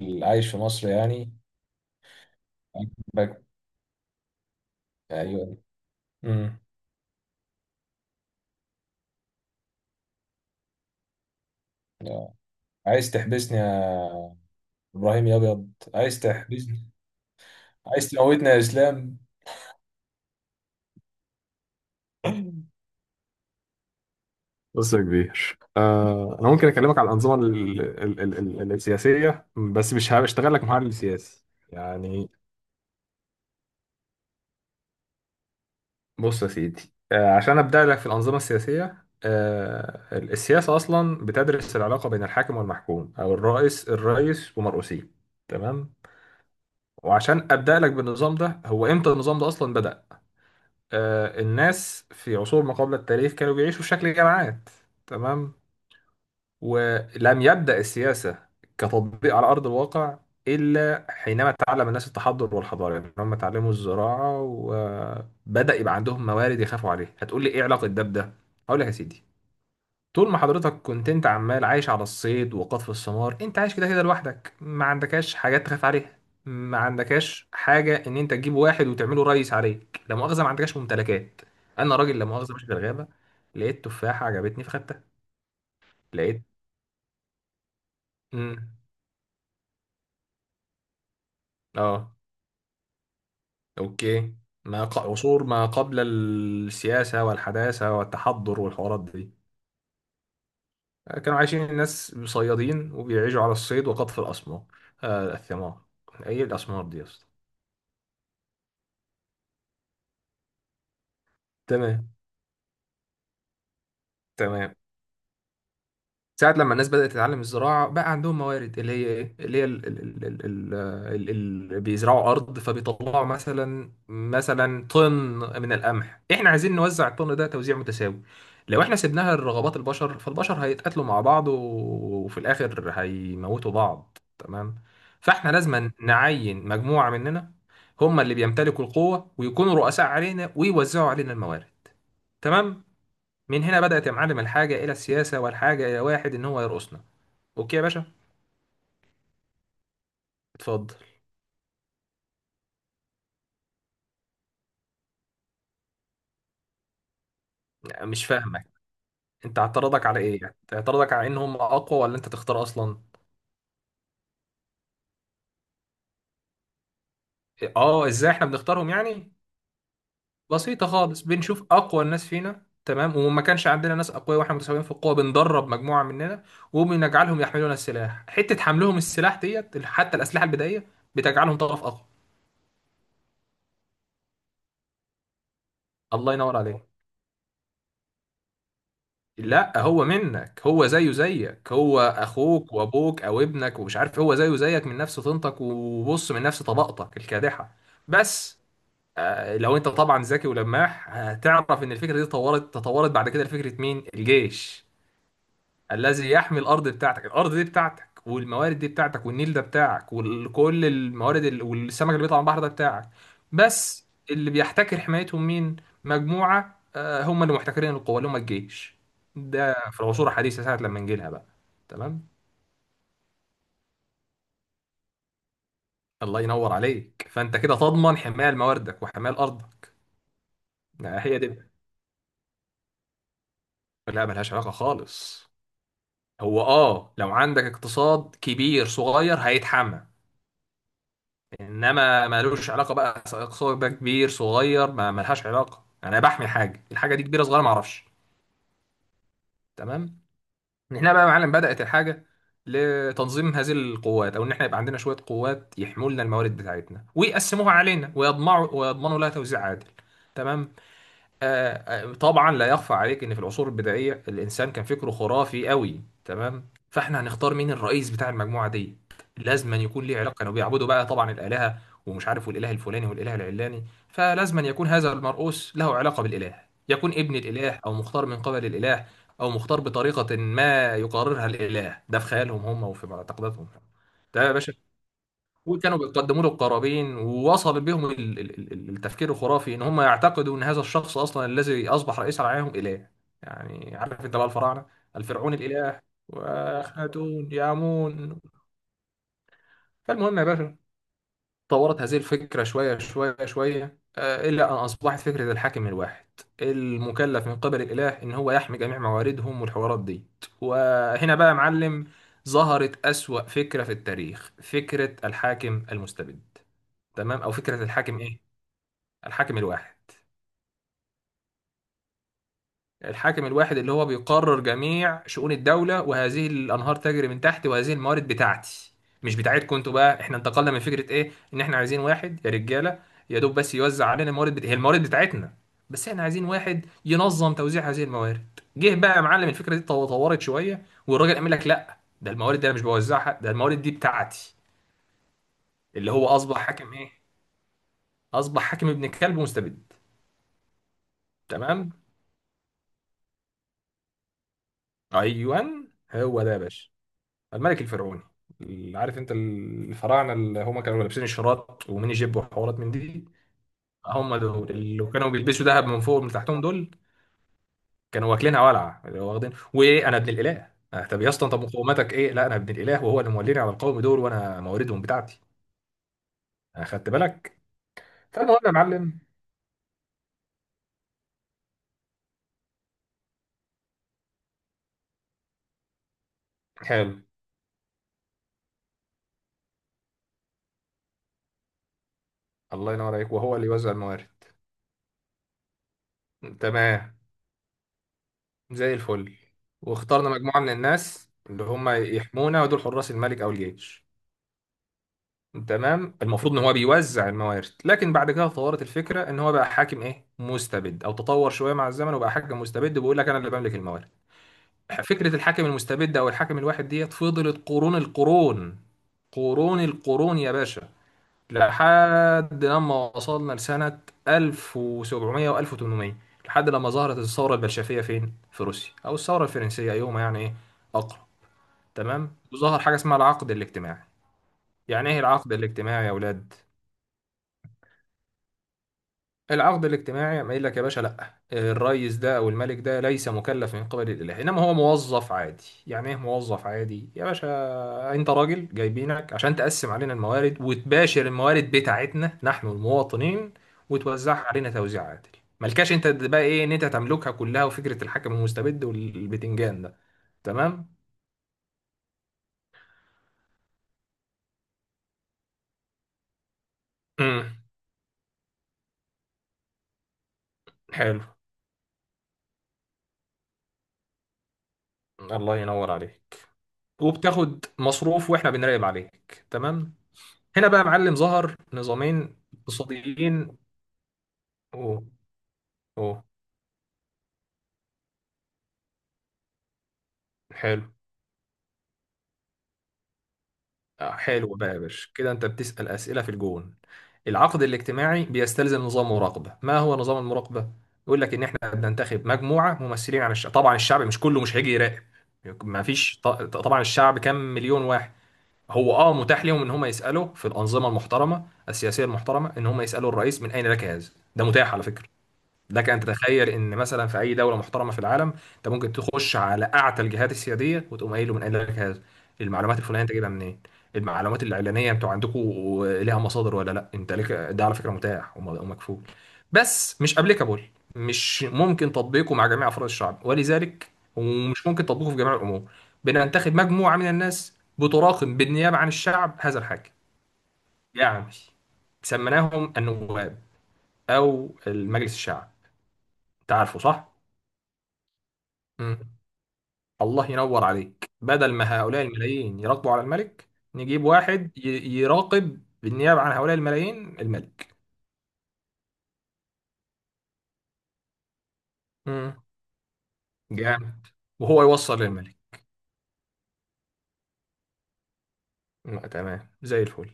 اللي عايش في مصر يعني. عاجبك؟ ايوه. امم آه. عايز تحبسني يا ابراهيم يا ابيض، عايز تحبسني. عايز تموتني يا اسلام. بص يا كبير، آه انا ممكن اكلمك على الانظمه السياسيه، بس مش هشتغل لك محلل سياسي يعني. بص يا سيدي، آه عشان ابدا لك في الانظمه السياسيه، آه السياسه اصلا بتدرس العلاقه بين الحاكم والمحكوم او الرئيس ومرؤوسيه. تمام. وعشان ابدا لك بالنظام ده، هو امتى النظام ده اصلا بدا؟ آه، الناس في عصور ما قبل التاريخ كانوا بيعيشوا في شكل جماعات. تمام. ولم يبدا السياسه كتطبيق على ارض الواقع الا حينما تعلم الناس التحضر والحضاره، يعني هم اتعلموا الزراعه وبدا يبقى عندهم موارد يخافوا عليها. هتقول لي ايه علاقه ده بده؟ هقول لك يا سيدي. طول ما حضرتك كنت انت عمال عايش على الصيد وقطف الثمار انت عايش كده كده لوحدك، ما عندكاش حاجات تخاف عليها، ما عندكاش حاجة ان انت تجيب واحد وتعمله ريس عليك، لا مؤاخذة ما عندكاش ممتلكات. انا راجل لا مؤاخذة ماشي في الغابة، لقيت تفاحة عجبتني فخدتها. لقيت. امم اه. اوكي. ما ق... عصور ما قبل السياسة والحداثة والتحضر والحوارات دي كانوا عايشين الناس صيادين، وبيعيشوا على الصيد وقطف الأسمار، آه الثمار. ايه الأسمار دي يا اسطى؟ تمام. تمام. ساعة لما الناس بدأت تتعلم الزراعة بقى عندهم موارد اللي هي ايه، اللي هي ال ال ال ال ال ال ال بيزرعوا أرض فبيطلعوا مثلا طن من القمح، احنا عايزين نوزع الطن ده توزيع متساوي. لو احنا سيبناها لرغبات البشر فالبشر هيتقاتلوا مع بعض وفي الآخر هيموتوا بعض. تمام. فاحنا لازم نعين مجموعة مننا هم اللي بيمتلكوا القوة ويكونوا رؤساء علينا ويوزعوا علينا الموارد. تمام. من هنا بدأت يا معلم الحاجة إلى السياسة، والحاجة إلى واحد إن هو يرقصنا. أوكي يا باشا. اتفضل. لا، مش فاهمك. أنت اعتراضك على إيه؟ يعني اعتراضك على إن هم أقوى، ولا أنت تختار أصلا؟ آه، إزاي إحنا بنختارهم يعني. بسيطة خالص، بنشوف أقوى الناس فينا. تمام. وما كانش عندنا ناس أقوياء وإحنا متساويين في القوة بندرب مجموعة مننا وبنجعلهم يحملون السلاح، حتة حملهم السلاح ديت حتى الأسلحة البدائية بتجعلهم طرف أقوى. الله ينور عليك. لا هو منك، هو زيه زيك، هو اخوك وابوك او ابنك ومش عارف، هو زيه زيك من نفس طينتك، وبص من نفس طبقتك الكادحه. بس. آه، لو انت طبعا ذكي ولماح هتعرف ان الفكره دي اتطورت، تطورت بعد كده لفكره مين؟ الجيش الذي يحمي الارض بتاعتك. الارض دي بتاعتك، والموارد دي بتاعتك، والنيل ده بتاعك، وكل الموارد والسمك اللي بيطلع من البحر ده بتاعك. بس اللي بيحتكر حمايتهم مين؟ مجموعة، آه، هم اللي محتكرين القوة اللي هم الجيش. ده في العصور الحديثة ساعة لما نجي لها بقى. تمام. الله ينور عليك، فانت كده تضمن حماية لمواردك وحماية لارضك. ده هي دي. لا ملهاش علاقة خالص. هو اه، لو عندك اقتصاد كبير صغير هيتحمل، انما ملوش علاقه بقى. سواء بقى كبير صغير ما ملهاش علاقه، انا بحمي حاجه، الحاجه دي كبيره صغيره ما اعرفش. تمام. من هنا بقى يا معلم بدات الحاجه لتنظيم هذه القوات، او ان احنا يبقى عندنا شويه قوات يحموا لنا الموارد بتاعتنا ويقسموها علينا ويضمنوا لها توزيع عادل. تمام. آه، طبعا لا يخفى عليك ان في العصور البدائيه الانسان كان فكره خرافي قوي. تمام. فاحنا هنختار مين الرئيس بتاع المجموعه دي؟ لازما يكون ليه علاقه، كانوا بيعبدوا بقى طبعا الالهه ومش عارف، والاله الفلاني والاله العلاني، فلازما يكون هذا المرؤوس له علاقه بالاله، يكون ابن الاله او مختار من قبل الاله، او مختار بطريقه ما يقررها الاله، ده في خيالهم هم وفي معتقداتهم. ده يا باشا. وكانوا بيقدموا له القرابين، ووصل بهم التفكير الخرافي ان هم يعتقدوا ان هذا الشخص اصلا الذي اصبح رئيسا عليهم اله. يعني عارف انت بقى الفراعنه، الفرعون الاله. واخناتون يامون. فالمهم يا باشا، طورت هذه الفكره شويه شويه شويه آه، الى ان اصبحت فكره الحاكم الواحد المكلف من قبل الاله ان هو يحمي جميع مواردهم والحوارات دي. وهنا بقى يا معلم ظهرت اسوأ فكره في التاريخ، فكره الحاكم المستبد. تمام. او فكره الحاكم ايه؟ الحاكم الواحد. الحاكم الواحد اللي هو بيقرر جميع شؤون الدوله، وهذه الانهار تجري من تحت، وهذه الموارد بتاعتي مش بتاعتكم انتوا. بقى احنا انتقلنا من فكره ايه؟ ان احنا عايزين واحد يا رجاله يا دوب بس يوزع علينا الموارد هي الموارد بتاعتنا، بس احنا عايزين واحد ينظم توزيع هذه الموارد. جه بقى يا معلم الفكره دي طورت شويه، والراجل قال لك لا، ده الموارد دي انا مش بوزعها، ده الموارد دي بتاعتي. اللي هو اصبح حاكم ايه؟ اصبح حاكم ابن كلب ومستبد. تمام. ايوان هو ده يا باشا، الملك الفرعوني، اللي عارف انت الفراعنه اللي هم كانوا لابسين الشراط وميني جيب وحوارات من دي. هم دول اللي كانوا بيلبسوا ذهب من فوق ومن تحتهم دول. كانوا واكلينها ولعه، اللي هو واخدين وايه انا ابن الاله، آه، طب يا اسطى طب مقوماتك ايه؟ لا انا ابن الاله وهو اللي موليني على القوم دول وانا مواردهم بتاعتي. اخدت بالك. فالمهم يا معلم، حلو الله ينور عليك، وهو اللي يوزع الموارد. تمام زي الفل. واخترنا مجموعه من الناس اللي هم يحمونا، ودول حراس الملك او الجيش. تمام. المفروض ان هو بيوزع الموارد، لكن بعد كده اتطورت الفكره ان هو بقى حاكم ايه مستبد، او تطور شويه مع الزمن وبقى حاكم مستبد، وبيقول لك انا اللي بملك الموارد. فكره الحاكم المستبد او الحاكم الواحد ديت فضلت قرون القرون قرون القرون يا باشا، لحد لما وصلنا لسنه 1700 و1800، لحد لما ظهرت الثوره البلشفيه فين، في روسيا، او الثوره الفرنسيه ايهما يعني ايه اقرب. تمام. وظهر حاجه اسمها العقد الاجتماعي. يعني ايه العقد الاجتماعي يا اولاد؟ العقد الاجتماعي قام قايل لك يا باشا لا، الريس ده او الملك ده ليس مكلف من قبل الاله، انما هو موظف عادي. يعني ايه موظف عادي يا باشا؟ انت راجل جايبينك عشان تقسم علينا الموارد وتباشر الموارد بتاعتنا نحن المواطنين، وتوزعها علينا توزيع عادل. ملكاش انت بقى ايه ان انت تملكها كلها، وفكرة الحاكم المستبد والبتنجان ده. تمام. امم حلو الله ينور عليك، وبتاخد مصروف واحنا بنراقب عليك. تمام. هنا بقى يا معلم ظهر نظامين اقتصاديين. اوه. اوه. حلو. آه، حلو بقى يا باشا، كده انت بتسأل أسئلة في الجون. العقد الاجتماعي بيستلزم نظام مراقبة. ما هو نظام المراقبة؟ يقول لك ان احنا بننتخب مجموعة ممثلين عن الشعب، طبعا الشعب مش كله مش هيجي يراقب. ما فيش طبعا الشعب كام مليون واحد. هو اه متاح لهم ان هم يسألوا في الأنظمة المحترمة السياسية المحترمة ان هم يسألوا الرئيس من اين لك هذا، ده متاح على فكرة. لك ان تتخيل ان مثلا في اي دوله محترمه في العالم انت ممكن تخش على اعتى الجهات السياديه وتقوم قايل له من قال لك هذا، المعلومات الفلانيه انت جايبها منين، المعلومات الاعلانيه انتوا عندكم ليها مصادر ولا لا. انت لك ده على فكره متاح ومكفول، بس مش ابليكابل، مش ممكن تطبيقه مع جميع افراد الشعب، ولذلك ومش ممكن تطبيقه في جميع الامور. بننتخب مجموعه من الناس بتراقب بالنيابه عن الشعب هذا الحاكم، يعني سميناهم النواب او المجلس الشعب. انت عارفه صح. مم. الله ينور عليك، بدل ما هؤلاء الملايين يراقبوا على الملك نجيب واحد يراقب بالنيابة عن هؤلاء الملايين الملك. مم. جامد. وهو يوصل للملك. تمام زي الفل.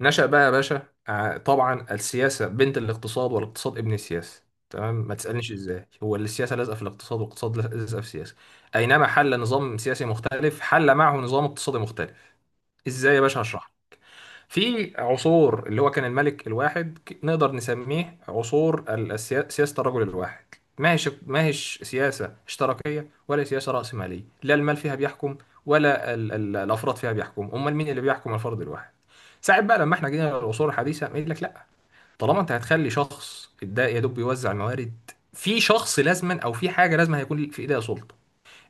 نشأ بقى يا باشا طبعا السياسة بنت الاقتصاد والاقتصاد ابن السياسة. تمام. ما تسألنيش ازاي، هو اللي السياسة لازقة في الاقتصاد والاقتصاد لازقة في السياسة. أينما حل نظام سياسي مختلف حل معه نظام اقتصادي مختلف. ازاي يا باشا؟ هشرح. في عصور اللي هو كان الملك الواحد نقدر نسميه عصور سياسة الرجل الواحد. ما هيش سياسة اشتراكية ولا سياسة رأسمالية، لا المال فيها بيحكم ولا ال ال الأفراد فيها بيحكم. أمال مين اللي بيحكم؟ الفرد الواحد. ساعات بقى لما احنا جينا للعصور الحديثة يقول لك لا، طالما انت هتخلي شخص ده يا دوب بيوزع الموارد، في شخص لازما او في حاجة لازما هيكون في ايديها سلطة.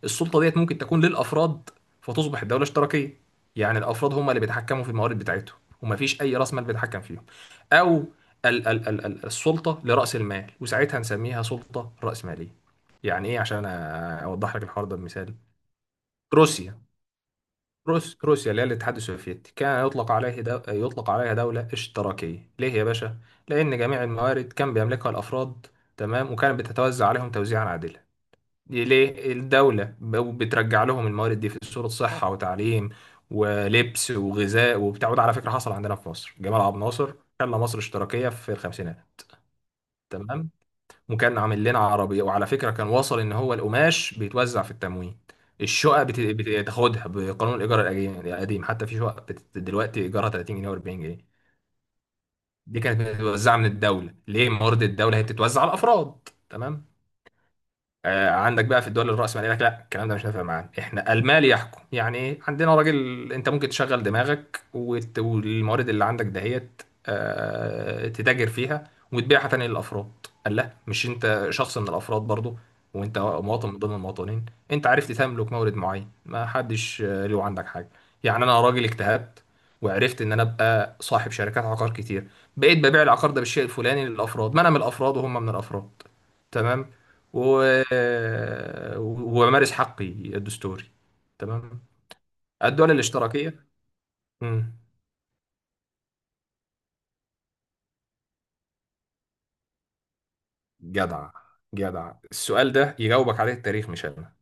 السلطة ديت ممكن تكون للأفراد، فتصبح الدولة اشتراكية، يعني الأفراد هم اللي بيتحكموا في الموارد بتاعتهم، ومفيش أي رأس مال بيتحكم فيهم. أو ال ال ال ال السلطة لرأس المال، وساعتها نسميها سلطة رأسمالية. يعني إيه؟ عشان أوضح لك الحوار ده بمثال، روسيا. روسيا اللي هي الاتحاد السوفيتي كان يطلق عليه يطلق عليها دولة اشتراكية، ليه يا باشا؟ لأن جميع الموارد كان بيملكها الأفراد. تمام، وكانت بتتوزع عليهم توزيعا عادلا. دي ليه الدولة بترجع لهم الموارد دي في صورة صحة وتعليم ولبس وغذاء وبتاع. وده على فكرة حصل عندنا في مصر، جمال عبد الناصر خلى مصر اشتراكية في الخمسينات. تمام. وكان عامل لنا عربية. وعلى فكرة كان وصل ان هو القماش بيتوزع في التموين، الشقق بتاخدها بقانون الايجار القديم، حتى في شقق دلوقتي ايجارها 30 جنيه و40 جنيه. دي كانت بتتوزع من الدولة ليه، موارد الدولة هي بتتوزع على الافراد. تمام. آه، عندك بقى في الدول الرأسمالية لك لا، الكلام ده مش نافع معانا، احنا المال يحكم. يعني ايه؟ عندنا راجل انت ممكن تشغل دماغك والموارد اللي عندك دهيت آه، تتاجر فيها وتبيعها تاني للأفراد، قال لا، مش انت شخص من الأفراد برضو، وانت مواطن من ضمن المواطنين، انت عرفت تملك مورد معين ما حدش آه، له عندك حاجة. يعني انا راجل اجتهدت وعرفت ان انا ابقى صاحب شركات عقار كتير، بقيت ببيع العقار ده بالشيء الفلاني للأفراد، ما انا من الأفراد وهم من الأفراد. تمام. و... وأمارس حقي الدستوري. تمام. الدول الاشتراكية. مم. جدع، جدع. السؤال ده يجاوبك عليه التاريخ مش أنا.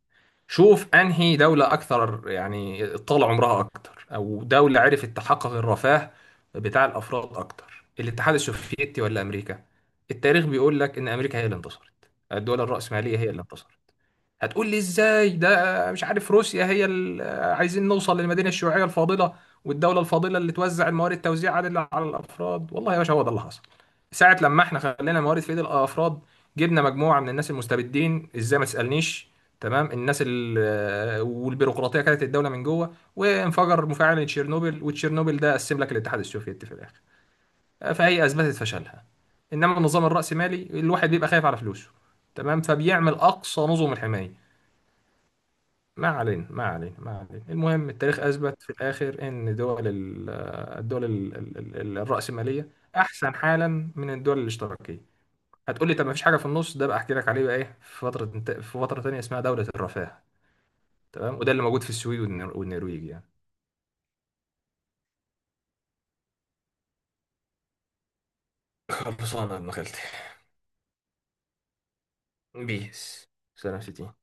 شوف أنهي دولة أكثر يعني طال عمرها أكتر، أو دولة عرفت تحقق الرفاه بتاع الأفراد أكتر، الاتحاد السوفيتي ولا أمريكا؟ التاريخ بيقول لك إن أمريكا هي اللي انتصرت، الدول الرأسمالية هي اللي انتصرت. هتقول لي ازاي ده مش عارف روسيا هي عايزين نوصل للمدينه الشيوعيه الفاضله والدوله الفاضله اللي توزع الموارد توزيع عادل على الافراد. والله يا باشا هو ده اللي حصل، ساعه لما احنا خلينا الموارد في ايد الافراد جبنا مجموعه من الناس المستبدين. ازاي؟ ما تسالنيش. تمام. الناس والبيروقراطيه كانت الدوله من جوه، وانفجر مفاعل تشيرنوبل، وتشيرنوبل ده قسم لك الاتحاد السوفيتي في الاخر. فهي اثبتت فشلها. انما النظام الرأسمالي الواحد بيبقى خايف على فلوسه. تمام، فبيعمل اقصى نظم الحمايه. ما علينا المهم التاريخ أثبت في الآخر إن دول الدول الرأسمالية أحسن حالا من الدول الاشتراكية. هتقولي طب ما فيش حاجة في النص ده؟ بقى أحكي لك عليه بقى إيه، في فترة، في فترة تانية اسمها دولة الرفاه. تمام. وده اللي موجود في السويد والنرويج يعني. خلصانة يا ابن خالتي. بيس. سلام سيتي.